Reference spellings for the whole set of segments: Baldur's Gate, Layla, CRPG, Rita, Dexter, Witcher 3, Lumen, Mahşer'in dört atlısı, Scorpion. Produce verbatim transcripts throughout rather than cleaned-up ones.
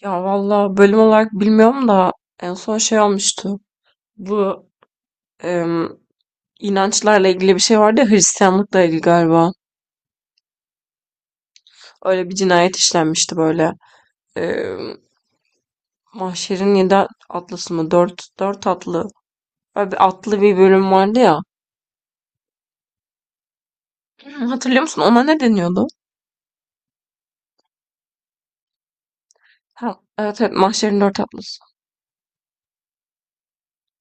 Ya valla bölüm olarak bilmiyorum da en son şey olmuştu. Bu em, inançlarla ilgili bir şey vardı ya, Hristiyanlıkla ilgili galiba. Öyle bir cinayet işlenmişti böyle. Em, Mahşer'in yedi atlısı mı? Dört, dört atlı. Böyle bir atlı bir bölüm vardı ya. Hı, Hatırlıyor musun? Ona ne deniyordu? Ha, evet, evet, Mahşer'in dört atlısı.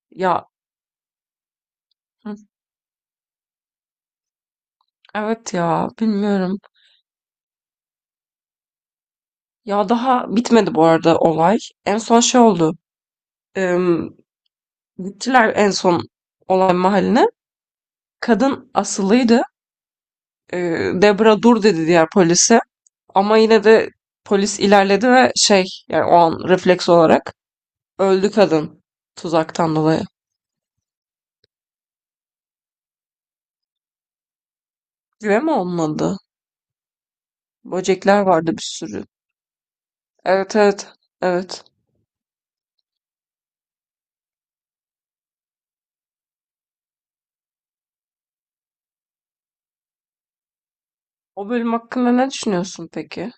Ya, hı, evet, ya bilmiyorum. Ya daha bitmedi bu arada olay. En son şey oldu. Em, Gittiler en son olay mahalline. Kadın asılıydı. Ee, Debra dur dedi diğer polise. Ama yine de polis ilerledi ve şey, yani o an refleks olarak öldü kadın, tuzaktan dolayı. Güve mi olmadı? Böcekler vardı bir sürü. Evet, evet, evet. O bölüm hakkında ne düşünüyorsun peki?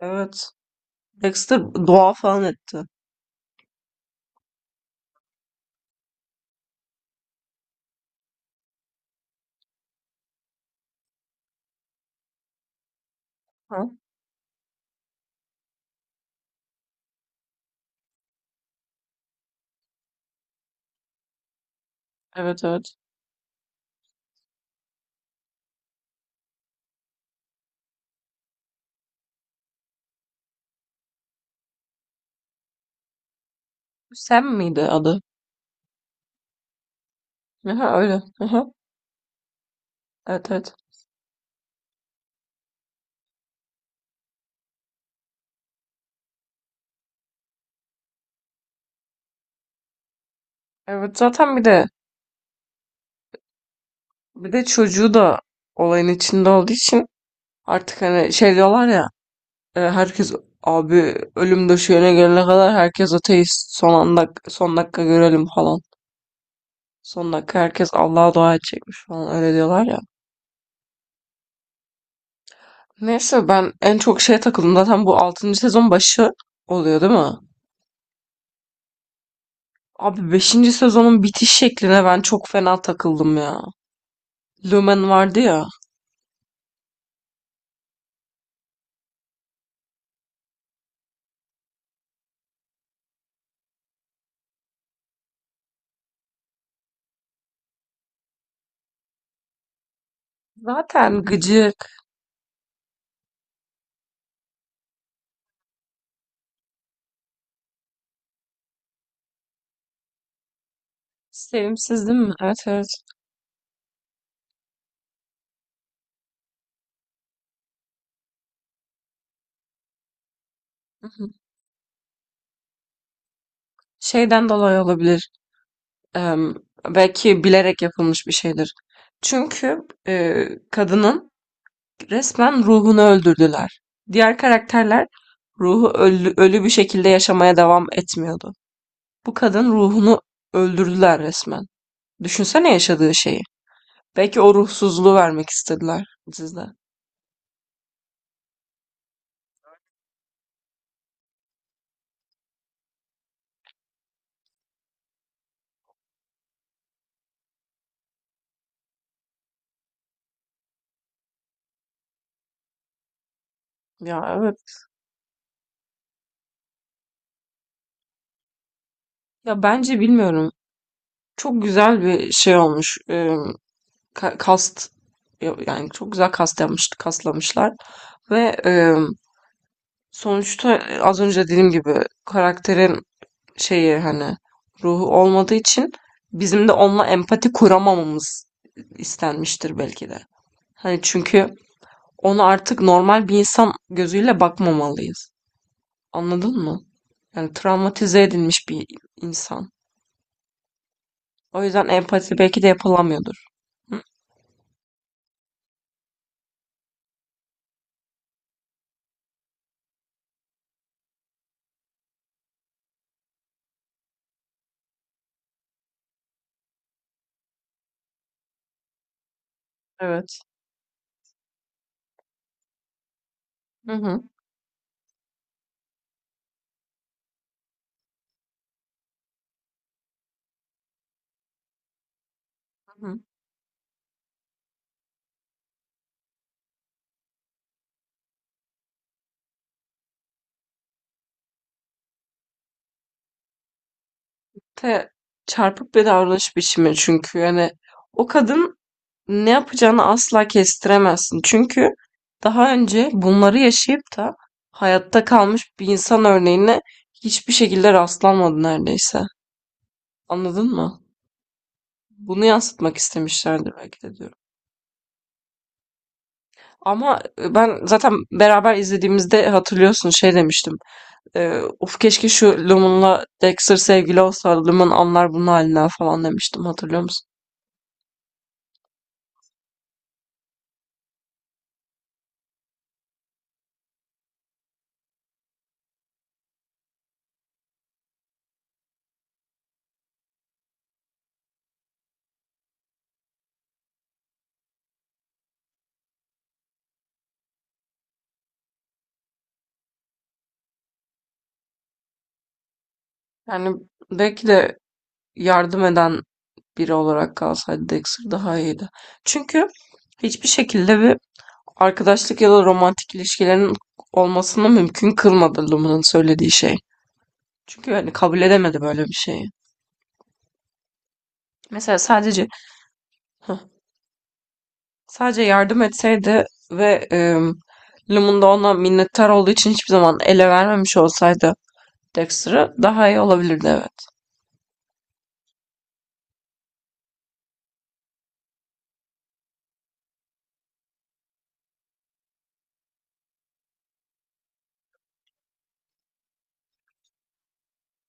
Evet. Dexter dua falan etti. Ha? Evet, evet. Sam miydi adı? Aha, öyle. Aha. Evet, evet. Evet, zaten bir de bir de çocuğu da olayın içinde olduğu için, artık hani şey diyorlar ya, e, herkes, abi, ölüm döşeğine gelene kadar herkes ateist, son anda son dakika görelim falan. Son dakika herkes Allah'a dua edecekmiş falan, öyle diyorlar ya. Neyse, ben en çok şeye takıldım zaten, bu altıncı sezon başı oluyor değil mi? Abi beşinci sezonun bitiş şekline ben çok fena takıldım ya. Lumen vardı ya. Zaten gıcı sevimsiz değil mi? Evet, evet. Hı hı. Şeyden dolayı olabilir. Em, Belki bilerek yapılmış bir şeydir. Çünkü e, kadının resmen ruhunu öldürdüler. Diğer karakterler ruhu ölü, ölü bir şekilde yaşamaya devam etmiyordu. Bu kadın ruhunu öldürdüler resmen. Düşünsene yaşadığı şeyi. Belki o ruhsuzluğu vermek istediler dizide. Ya evet. Ya bence bilmiyorum. Çok güzel bir şey olmuş. Em, ka- kast, yani çok güzel kast yapmış, kaslamışlar ve e, sonuçta, e, az önce dediğim gibi karakterin şeyi, hani ruhu olmadığı için bizim de onunla empati kuramamamız istenmiştir belki de. Hani çünkü ona artık normal bir insan gözüyle bakmamalıyız. Anladın mı? Yani travmatize edilmiş bir insan. O yüzden empati belki de yapılamıyordur. Hı. Evet. Hı hı. Hı hı. Te Çarpık bir davranış biçimi, çünkü yani o kadın, ne yapacağını asla kestiremezsin. Çünkü daha önce bunları yaşayıp da hayatta kalmış bir insan örneğine hiçbir şekilde rastlanmadı neredeyse. Anladın mı? Bunu yansıtmak istemişlerdir belki de diyorum. Ama e, ben zaten beraber izlediğimizde hatırlıyorsun, şey demiştim. E, uf, keşke şu Lumen'la Dexter sevgili olsa, Lumen anlar bunun halinden falan demiştim, hatırlıyor musun? Yani belki de yardım eden biri olarak kalsaydı Dexter, daha iyiydi. Çünkü hiçbir şekilde bir arkadaşlık ya da romantik ilişkilerin olmasını mümkün kılmadı Luma'nın söylediği şey. Çünkü yani kabul edemedi böyle bir şeyi. Mesela sadece sadece yardım etseydi ve e, Lumen de ona minnettar olduğu için hiçbir zaman ele vermemiş olsaydı Dexter'ı, daha iyi olabilirdi, evet.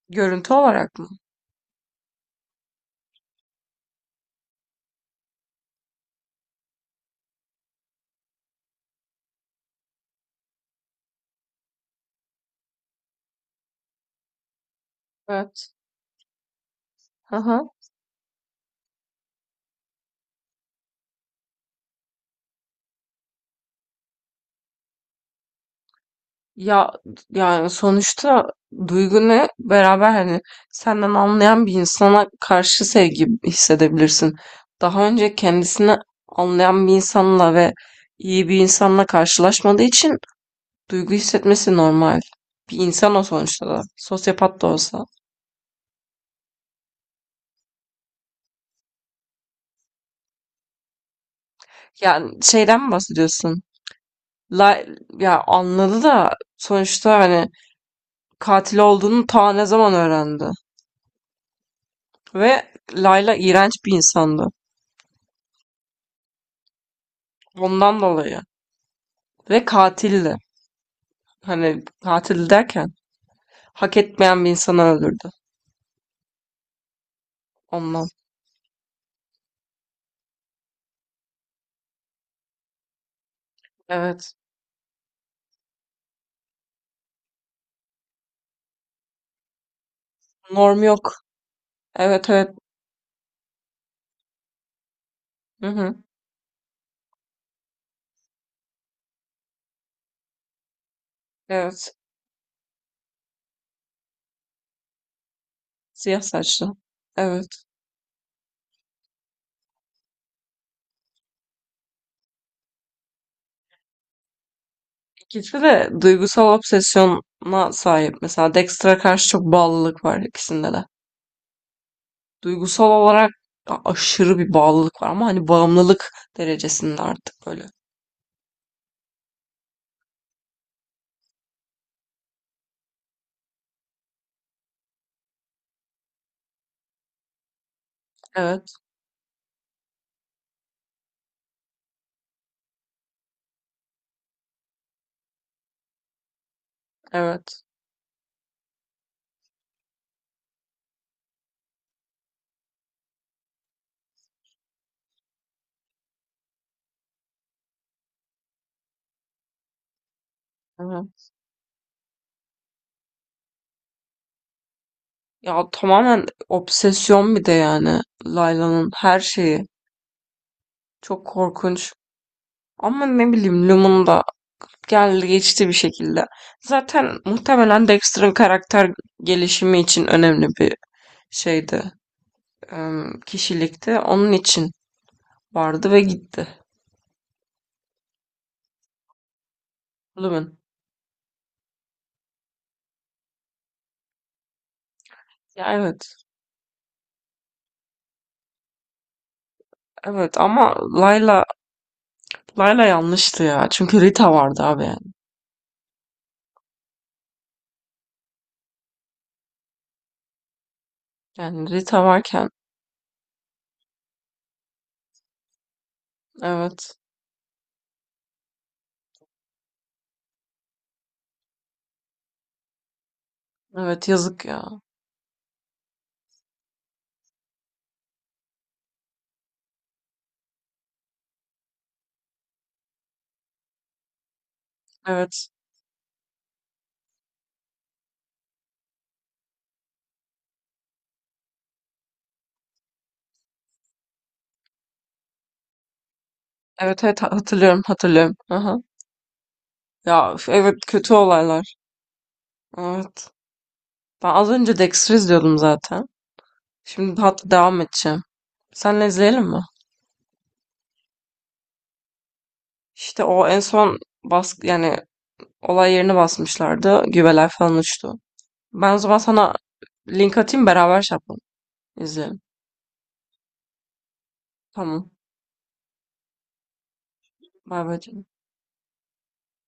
Görüntü olarak mı? Evet. Aha. Ya yani sonuçta duygunu, beraber, hani senden anlayan bir insana karşı sevgi hissedebilirsin. Daha önce kendisini anlayan bir insanla ve iyi bir insanla karşılaşmadığı için duygu hissetmesi normal. Bir insan o sonuçta da. Sosyopat da olsa. Yani şeyden mi bahsediyorsun? La, Ya, anladı da sonuçta hani katil olduğunu ta ne zaman öğrendi. Ve Layla iğrenç bir insandı. Ondan dolayı. Ve katildi. Hani katil derken hak etmeyen bir insanı öldürdü. Ondan. Evet. Norm yok. Evet, evet. Hı hı. Evet. Siyah saçlı. Evet. İkisi de duygusal obsesyona sahip. Mesela Dexter'a karşı çok bağlılık var ikisinde de. Duygusal olarak a- aşırı bir bağlılık var, ama hani bağımlılık derecesinde artık böyle. Evet, evet. Hı. Ya tamamen obsesyon bir de yani, Layla'nın her şeyi. Çok korkunç. Ama ne bileyim, Lumum'da geldi geçti bir şekilde. Zaten muhtemelen Dexter'ın karakter gelişimi için önemli bir şeydi. em, Kişilikti. Onun için vardı ve gitti. Lumen. Ya evet. Evet ama Layla Layla yanlıştı ya. Çünkü Rita vardı abi, yani. Yani Rita varken, evet. Evet, yazık ya. Evet. Evet, evet, ha- hatırlıyorum, hatırlıyorum. Aha. Ya üf, evet, kötü olaylar. Evet. Ben az önce Dexter izliyordum zaten. Şimdi tatlı devam edeceğim. Senle izleyelim mi? İşte o en son, bas yani olay yerini basmışlardı. Güveler falan uçtu. Ben o zaman sana link atayım, beraber şey yapalım. İzleyelim. Tamam. Bay bay canım.